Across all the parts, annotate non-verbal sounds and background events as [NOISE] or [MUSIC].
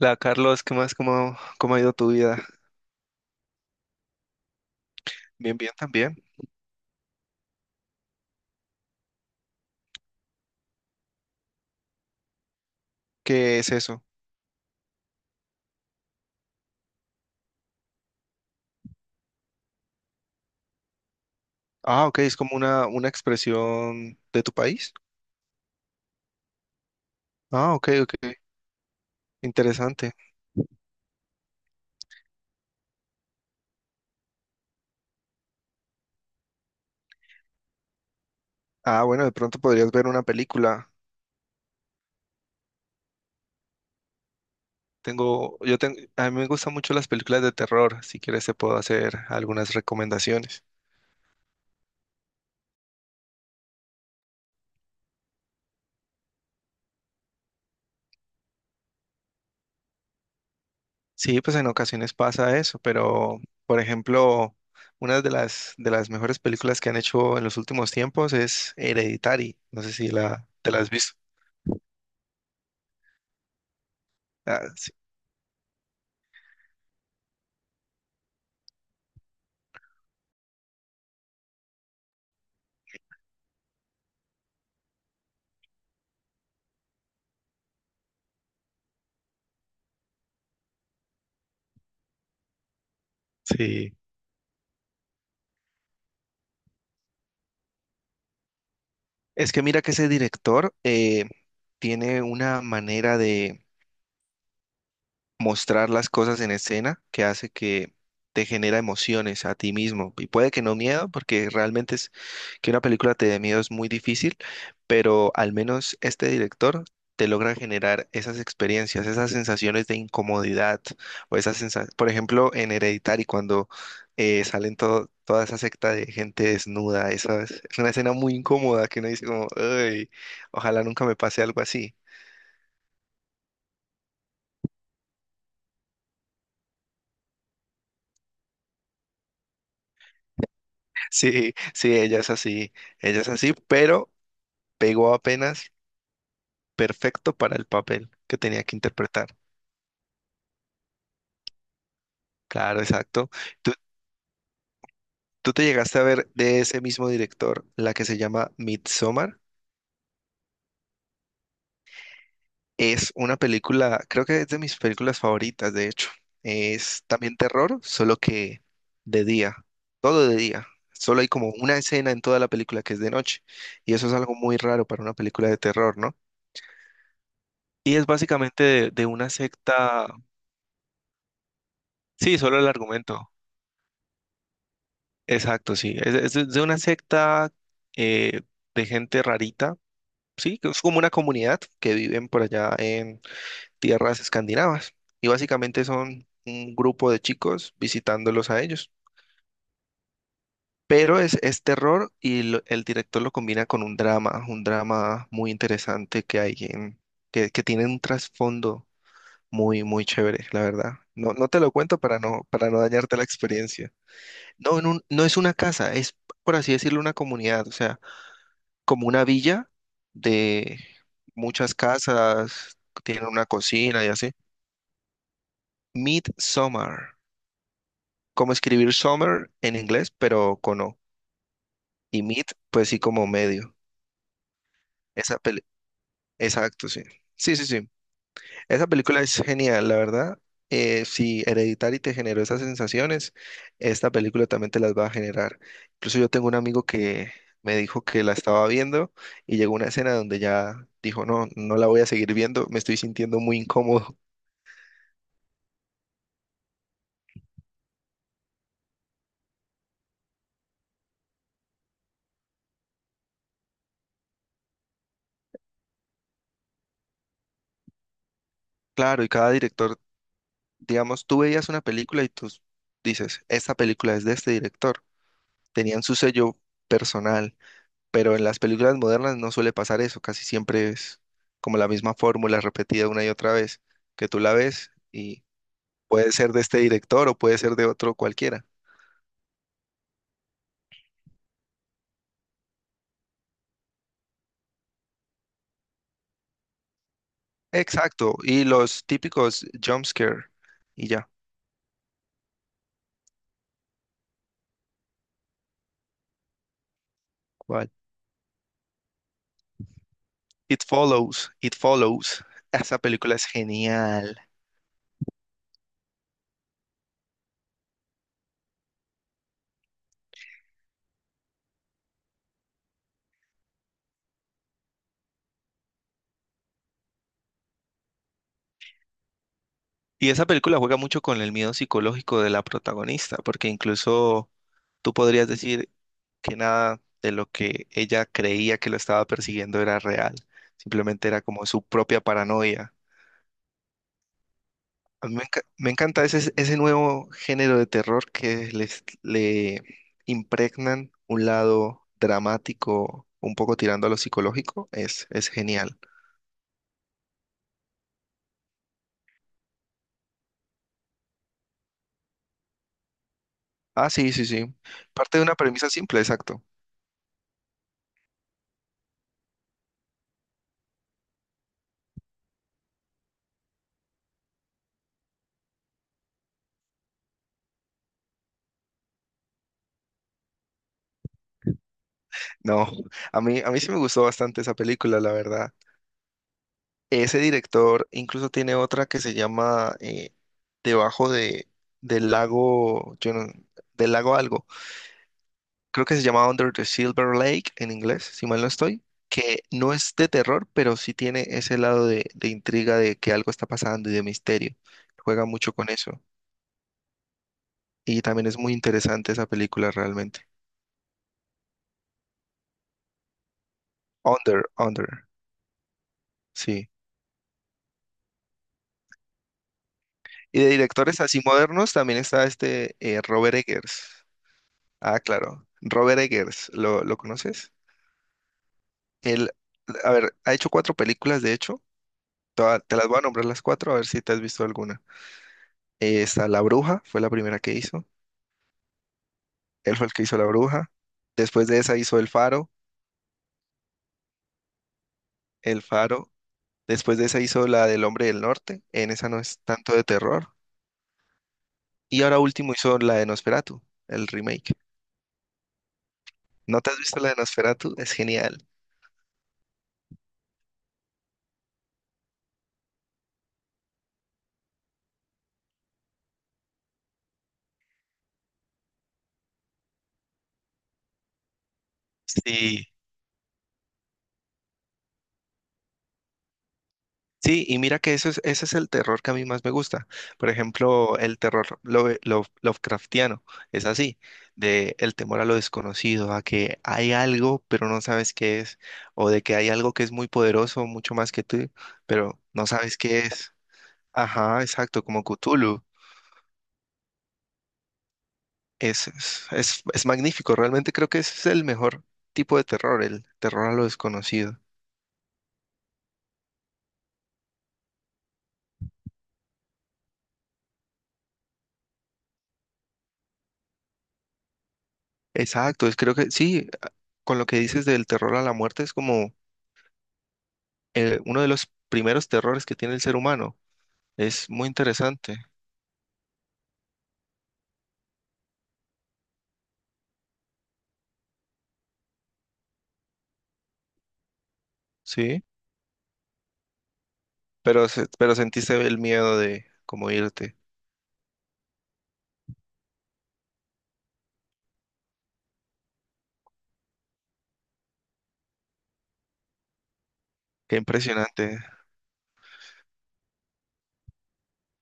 Hola Carlos, ¿qué más? ¿¿Cómo ha ido tu vida? Bien, bien también. ¿Qué es eso? Ah, ok, es como una expresión de tu país. Ah, ok, ok, interesante. Ah, bueno, de pronto podrías ver una película. A mí me gustan mucho las películas de terror. Si quieres te puedo hacer algunas recomendaciones. Sí, pues en ocasiones pasa eso, pero por ejemplo, una de las mejores películas que han hecho en los últimos tiempos es Hereditary. No sé si la te la has visto. Ah, sí. Sí. Es que mira que ese director tiene una manera de mostrar las cosas en escena que hace que te genera emociones a ti mismo. Y puede que no miedo, porque realmente es que una película te dé miedo es muy difícil, pero al menos este director te logra generar esas experiencias, esas sensaciones de incomodidad o esas sensaciones, por ejemplo, en Hereditary cuando salen toda esa secta de gente desnuda, esa es una escena muy incómoda que uno dice como, "Ay, ojalá nunca me pase algo así". [LAUGHS] Sí, sí, ella es así, pero pegó apenas perfecto para el papel que tenía que interpretar. Claro, exacto. ¿Tú, tú te llegaste a ver de ese mismo director, la que se llama Midsommar? Es una película, creo que es de mis películas favoritas, de hecho. Es también terror, solo que de día, todo de día. Solo hay como una escena en toda la película que es de noche. Y eso es algo muy raro para una película de terror, ¿no? Y es básicamente de una secta, sí, solo el argumento, exacto, sí. Es de una secta eh, de gente rarita, sí, que es como una comunidad que viven por allá en tierras escandinavas. Y básicamente son un grupo de chicos visitándolos a ellos. Pero es terror y el director lo combina con un drama muy interesante que hay en, que tiene un trasfondo muy, muy chévere, la verdad. No, no te lo cuento para no dañarte la experiencia. No, no es una casa, es por así decirlo, una comunidad. O sea, como una villa de muchas casas, tienen una cocina y así. Midsummer, como escribir summer en inglés, pero con O. Y mid, pues sí, como medio. Esa peli, exacto, sí. Sí, sí, sí. Esa película es genial, la verdad. Si Hereditary te generó esas sensaciones, esta película también te las va a generar. Incluso yo tengo un amigo que me dijo que la estaba viendo y llegó una escena donde ya dijo, no, no la voy a seguir viendo, me estoy sintiendo muy incómodo. Claro, y cada director, digamos, tú veías una película y tú dices, esta película es de este director. Tenían su sello personal, pero en las películas modernas no suele pasar eso, casi siempre es como la misma fórmula repetida una y otra vez, que tú la ves y puede ser de este director o puede ser de otro cualquiera. Exacto, y los típicos jump scare y ya. ¿Cuál? It Follows, It Follows. [LAUGHS] Esa película es genial. Y esa película juega mucho con el miedo psicológico de la protagonista, porque incluso tú podrías decir que nada de lo que ella creía que lo estaba persiguiendo era real, simplemente era como su propia paranoia. A mí me, enca- me encanta ese nuevo género de terror que le impregnan un lado dramático, un poco tirando a lo psicológico, es genial. Ah, sí, sí, sí. Parte de una premisa simple, exacto. No, a mí sí me gustó bastante esa película, la verdad. Ese director incluso tiene otra que se llama debajo de, del lago, yo no- del lago algo. Creo que se llama Under the Silver Lake en inglés, si mal no estoy, que no es de terror, pero sí tiene ese lado de intriga de que algo está pasando y de misterio. Juega mucho con eso. Y también es muy interesante esa película realmente. Under, Under, sí. Y de directores así modernos también está este Robert Eggers. Ah, claro. Robert Eggers, lo conoces? Él, a ver, ha hecho cuatro películas, de hecho. Te las voy a nombrar las cuatro, a ver si te has visto alguna. Está La Bruja, fue la primera que hizo. Él fue el que hizo La Bruja. Después de esa hizo El Faro, El Faro. Después de esa hizo la del Hombre del Norte. En esa no es tanto de terror. Y ahora último hizo la de Nosferatu, el remake. ¿No te has visto la de Nosferatu? Es genial. Sí, sí, y mira que eso es, ese es el terror que a mí más me gusta. Por ejemplo, el terror Lovecraftiano es así, de el temor a lo desconocido, a que hay algo pero no sabes qué es, o de que hay algo que es muy poderoso, mucho más que tú, pero no sabes qué es. Ajá, exacto, como Cthulhu. Es, es magnífico, realmente creo que ese es el mejor tipo de terror, el terror a lo desconocido. Exacto, es, creo que sí, con lo que dices del terror a la muerte es como uno de los primeros terrores que tiene el ser humano. Es muy interesante, ¿sí? Pero, pero sentiste el miedo de cómo irte. Qué impresionante.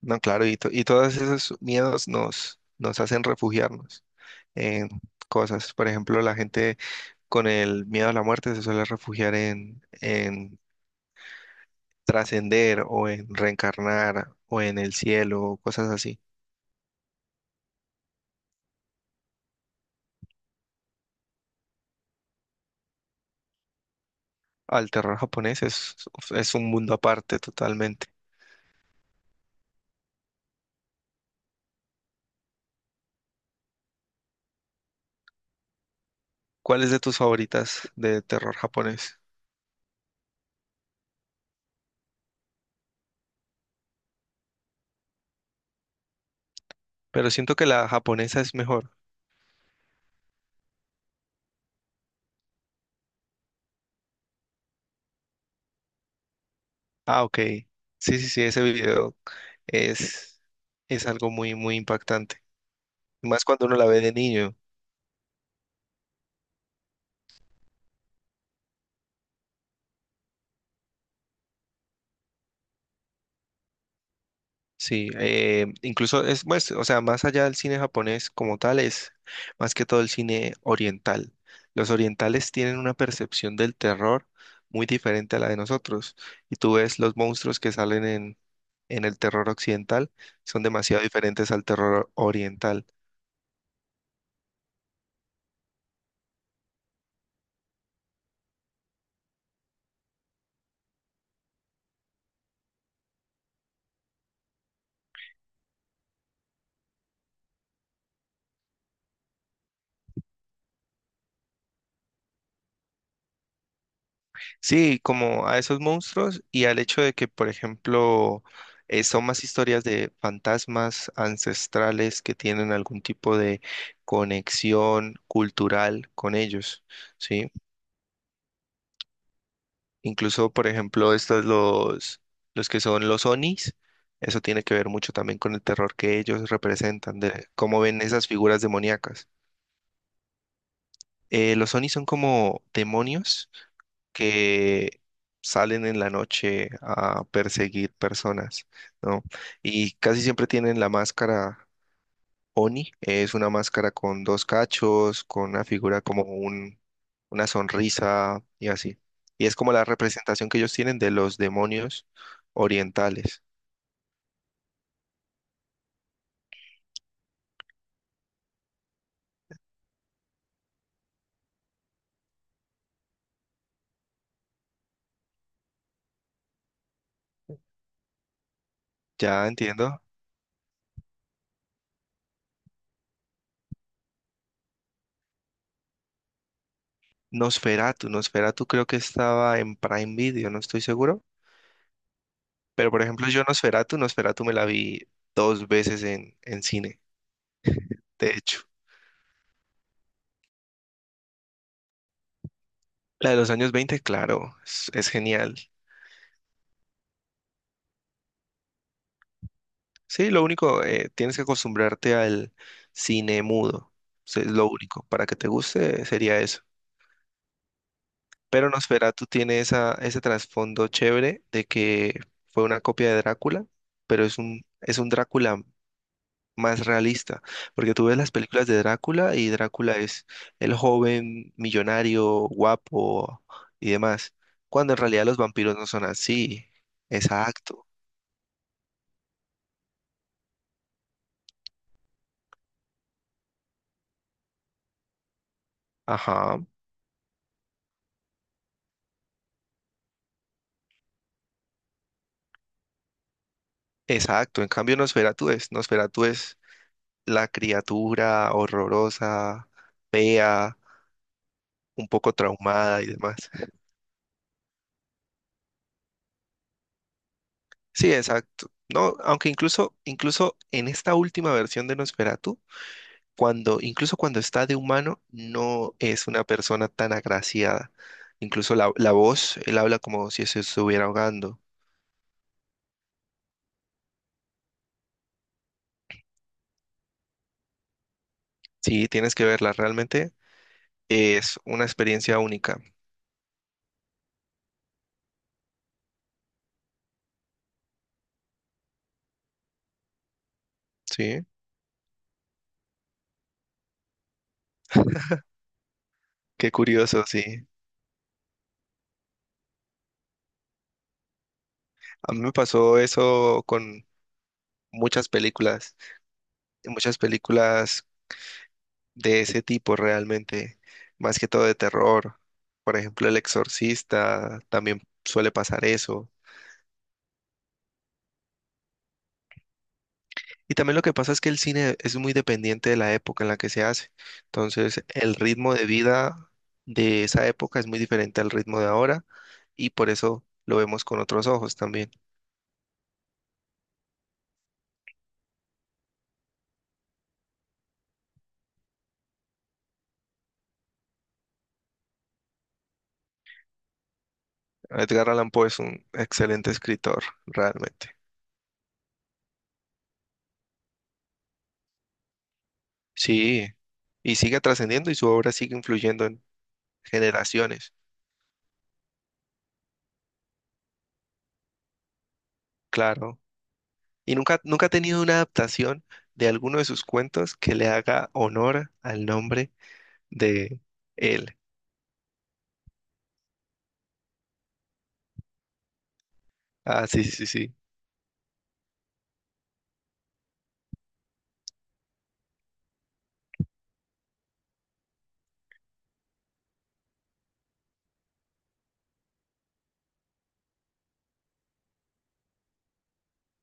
No, claro, y todos esos miedos nos hacen refugiarnos en cosas. Por ejemplo, la gente con el miedo a la muerte se suele refugiar en trascender o en reencarnar o en el cielo o cosas así. Al terror japonés es un mundo aparte totalmente. ¿Cuál es de tus favoritas de terror japonés? Pero siento que la japonesa es mejor. Ah, ok. Sí, sí, sí, ese video es, es algo muy, muy impactante. Más cuando uno la ve de niño. Sí, incluso es, pues, o sea, más allá del cine japonés como tal, es más que todo el cine oriental. Los orientales tienen una percepción del terror muy diferente a la de nosotros. Y tú ves los monstruos que salen en el terror occidental, son demasiado diferentes al terror oriental. Sí, como a esos monstruos y al hecho de que, por ejemplo, son más historias de fantasmas ancestrales que tienen algún tipo de conexión cultural con ellos, ¿sí? Incluso, por ejemplo, los que son los onis, eso tiene que ver mucho también con el terror que ellos representan, de cómo ven esas figuras demoníacas. Los onis son como demonios que salen en la noche a perseguir personas, ¿no? Y casi siempre tienen la máscara Oni, es una máscara con dos cachos, con una figura como un, una sonrisa y así. Y es como la representación que ellos tienen de los demonios orientales. Ya entiendo. Nosferatu, Nosferatu creo que estaba en Prime Video, no estoy seguro. Pero por ejemplo, yo Nosferatu, Nosferatu me la vi dos veces en cine, de hecho. La de los años 20, claro, es genial. Sí, lo único, tienes que acostumbrarte al cine mudo. Eso es lo único. Para que te guste sería eso. Pero Nosferatu tiene esa, ese trasfondo chévere de que fue una copia de Drácula, pero es un Drácula más realista. Porque tú ves las películas de Drácula y Drácula es el joven millonario, guapo y demás. Cuando en realidad los vampiros no son así. Exacto. Ajá. Exacto, en cambio Nosferatu es la criatura horrorosa, fea, un poco traumada y demás. Sí, exacto. No, aunque incluso, incluso en esta última versión de Nosferatu, cuando, incluso cuando está de humano, no es una persona tan agraciada. Incluso la, la voz, él habla como si se estuviera ahogando. Sí, tienes que verla, realmente es una experiencia única. Sí, qué curioso, sí. A mí me pasó eso muchas películas, muchas películas de ese tipo realmente, más que todo de terror. Por ejemplo, El Exorcista, también suele pasar eso. Y también lo que pasa es que el cine es muy dependiente de la época en la que se hace. Entonces, el ritmo de vida de esa época es muy diferente al ritmo de ahora y por eso lo vemos con otros ojos también. Edgar Allan Poe es un excelente escritor, realmente. Sí, y sigue trascendiendo y su obra sigue influyendo en generaciones. Claro. ¿Y nunca, nunca ha tenido una adaptación de alguno de sus cuentos que le haga honor al nombre de él? Ah, sí, sí, sí.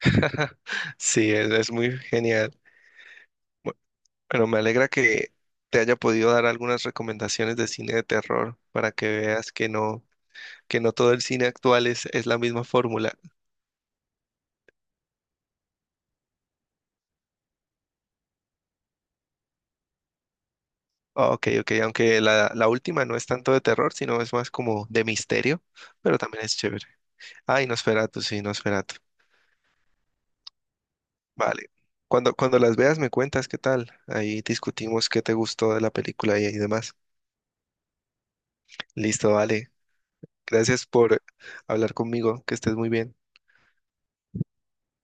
[LAUGHS] Sí, es muy genial. Bu- Bueno, me alegra que te haya podido dar algunas recomendaciones de cine de terror para que veas que no todo el cine actual es la misma fórmula. Ah, ok, ok, aunque la última no es tanto de terror, sino es más como de misterio, pero también es chévere. Ah, y Nosferatu, sí, Nosferatu. Vale. Cuando, cuando las veas me cuentas qué tal. Ahí discutimos qué te gustó de la película y demás. Listo, vale. Gracias por hablar conmigo. Que estés muy bien.